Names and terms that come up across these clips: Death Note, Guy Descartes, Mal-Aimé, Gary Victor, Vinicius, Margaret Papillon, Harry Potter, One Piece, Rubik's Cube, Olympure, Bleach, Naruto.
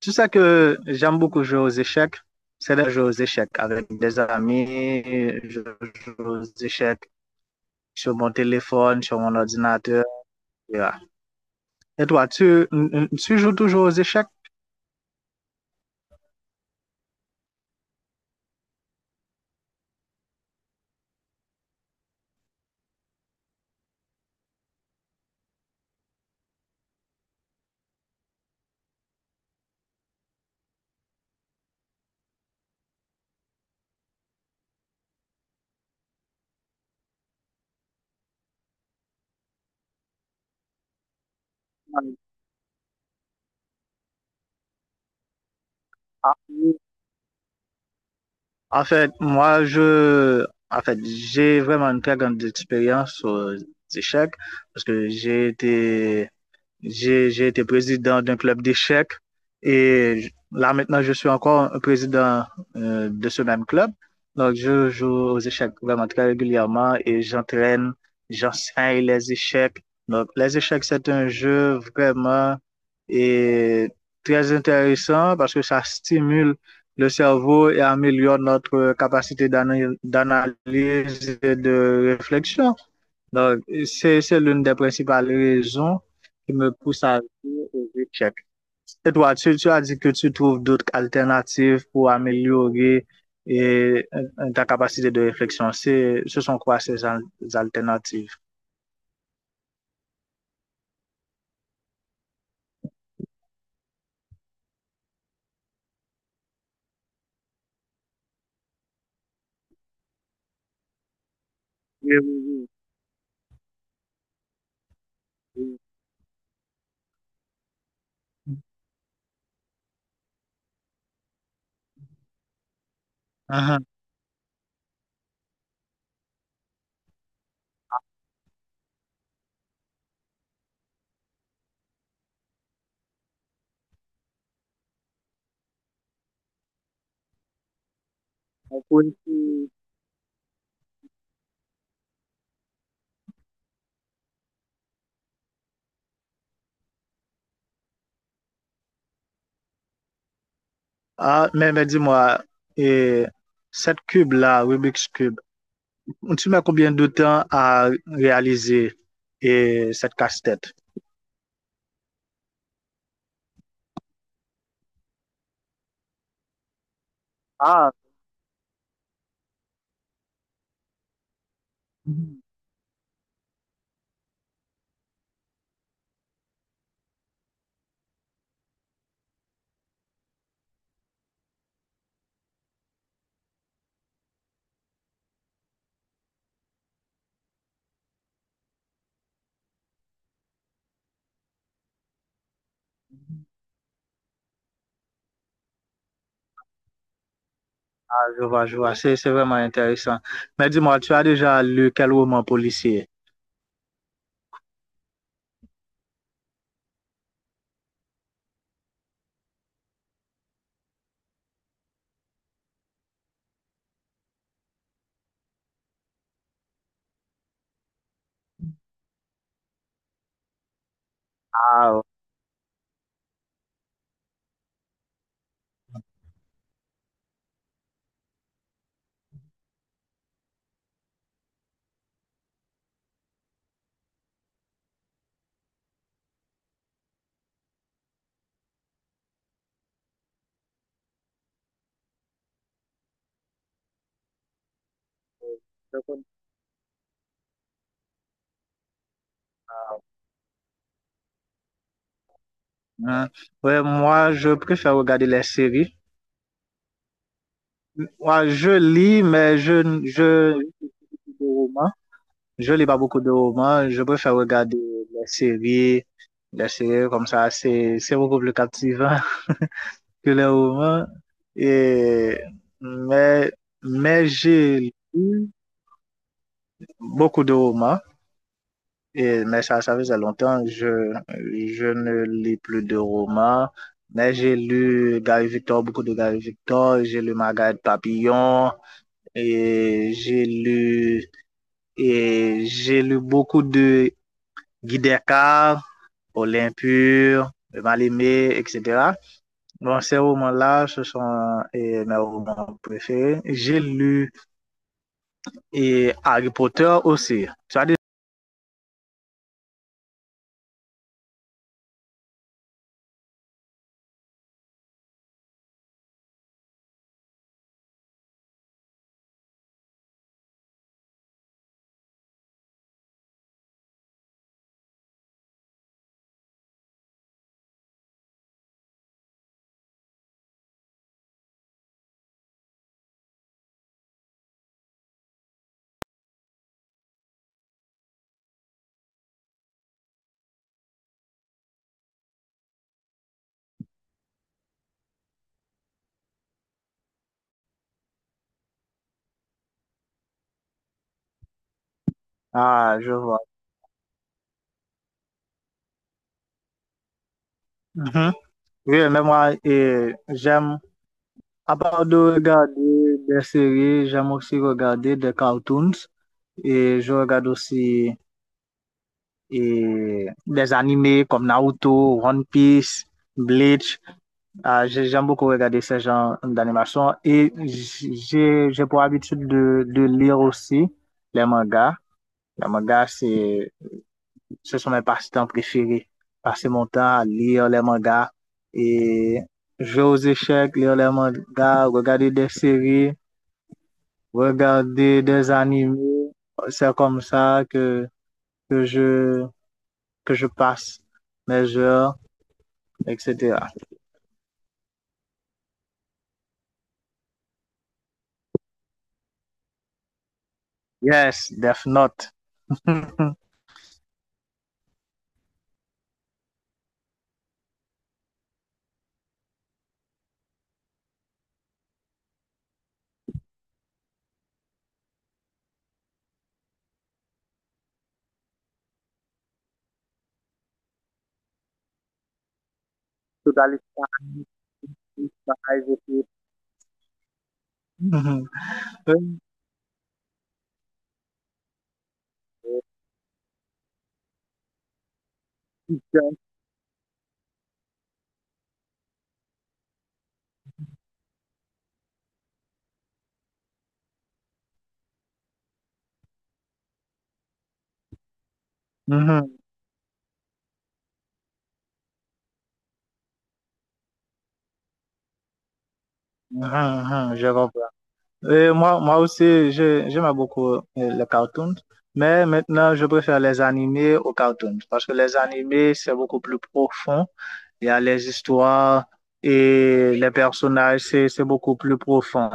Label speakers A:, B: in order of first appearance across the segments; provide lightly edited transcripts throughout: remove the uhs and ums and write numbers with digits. A: Tout ça que j'aime beaucoup jouer aux échecs. C'est de jouer aux échecs avec des amis. Je joue aux échecs sur mon téléphone, sur mon ordinateur. etc. Et toi, tu joues toujours aux échecs? En fait, moi, j'ai vraiment une très grande expérience aux échecs parce que j'ai été président d'un club d'échecs et là maintenant je suis encore un président de ce même club. Donc je joue aux échecs vraiment très régulièrement et j'enseigne les échecs. Donc les échecs c'est un jeu vraiment et très intéressant parce que ça stimule le cerveau et améliore notre capacité d'analyse et de réflexion. Donc, c'est l'une des principales raisons qui me pousse à dire aux échecs. Et toi, tu as dit que tu trouves d'autres alternatives pour améliorer ta capacité de réflexion. Ce sont quoi ces alternatives? Oui, oui, oui. Mhm. Oui. Oui. Ah, mais dis-moi, et cette cube-là, Rubik's Cube, tu mets combien de temps à réaliser et cette casse-tête? Ah, Ah, je vois, je vois. C'est vraiment intéressant. Mais dis-moi, tu as déjà lu quel roman policier? Ah, ok. Je connais. Hein. Ouais, moi, je préfère regarder les séries. Moi, je lis, mais de romans. Je lis pas beaucoup de romans. Je préfère regarder les séries. Les séries comme ça, c'est beaucoup plus captivant que les romans. Et, mais, mais j'ai lu beaucoup de romans. Et, mais ça faisait longtemps, je ne lis plus de romans, mais j'ai lu Gary Victor, beaucoup de Gary Victor, j'ai lu Margaret Papillon, et j'ai lu, et j'ai lu beaucoup de Guy Descartes, Olympure, Mal-Aimé, etc. Bon, ces romans-là, ce sont mes romans préférés. J'ai lu et Harry Potter aussi. Ah, je vois. Mhm. Oui, mais moi, eh, j'aime À part de regarder des séries, j'aime aussi regarder des cartoons et je regarde aussi et des animés comme Naruto, One Piece, Bleach. Ah, j'aime beaucoup regarder ces genres d'animation et j'ai pour habitude de lire aussi les mangas. Les mangas, ce sont mes passe-temps préférés. Passer mon temps à lire les mangas et jouer aux échecs, lire les mangas, regarder des séries. Regarder des animés. C'est comme ça que je, que je passe mes heures, etc. Yes, Death Note. Totally fine, five, eight. Mhm. Mhm, mhm, mhm, Je comprends. Et moi, moi aussi, j'aime beaucoup les cartoons, mais maintenant, je préfère les animés aux cartoons parce que les animés, c'est beaucoup plus profond. Il y a les histoires et les personnages, c'est beaucoup plus profond.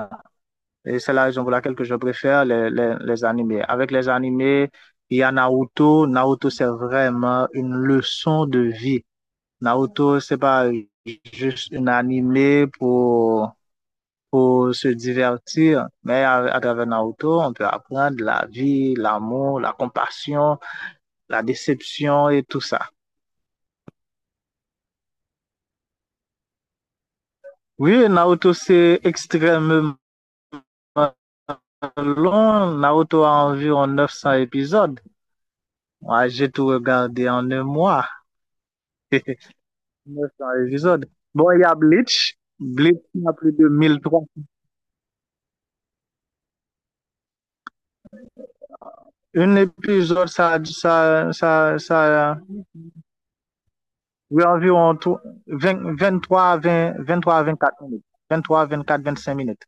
A: Et c'est la raison pour laquelle que je préfère les animés. Avec les animés, il y a Naruto. Naruto, c'est vraiment une leçon de vie. Naruto, c'est pas juste un animé pour se divertir. Mais à travers Naruto, on peut apprendre la vie, l'amour, la compassion, la déception et tout ça. Oui, Naruto, c'est extrêmement long. Naruto a environ 900 épisodes. Moi, j'ai tout regardé en un mois. 900 épisodes. Bon, il y a Bleach. Bleach a plus de 1300. Un épisode, oui, environ 20 23, 20, vingt quatre minutes. Vingt vingt trois quatre vingt cinq minutes.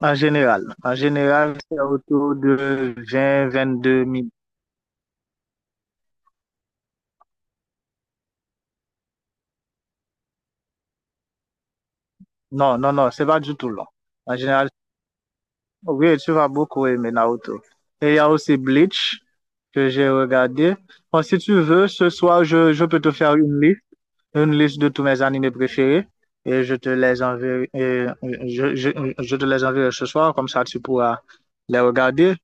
A: En général. En général, c'est autour de vingt deux minutes. Non, non, non, c'est pas du tout long. En général, oui, tu vas beaucoup aimer Naruto. Et il y a aussi Bleach que j'ai regardé. Bon, si tu veux, ce soir, je peux te faire une liste de tous mes animés préférés. Et je te les enverrai, et je, je, je te les enverrai ce soir, comme ça tu pourras les regarder.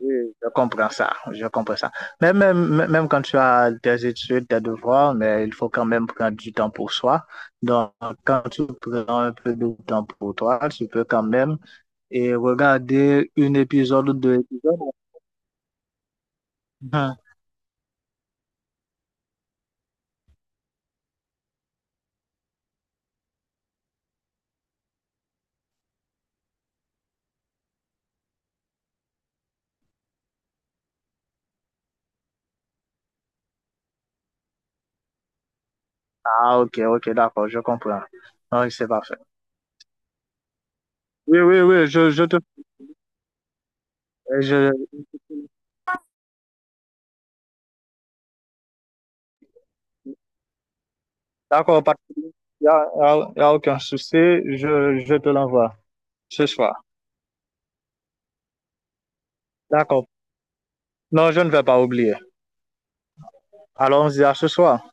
A: Oui, je comprends ça, je comprends ça. Mais même quand tu as tes études, tes devoirs, mais il faut quand même prendre du temps pour soi. Donc, quand tu prends un peu de temps pour toi, tu peux quand même et regarder un épisode ou deux épisodes. Mhm. Ah, ok, ok, d'accord, je comprends. Oui, c'est parfait. Oui, oui, oui, je, d'accord, pas, de problème. Il y a, y a- Y a aucun souci, je te l'envoie ce soir. D'accord. Non, je ne vais pas oublier. Allons-y à ce soir.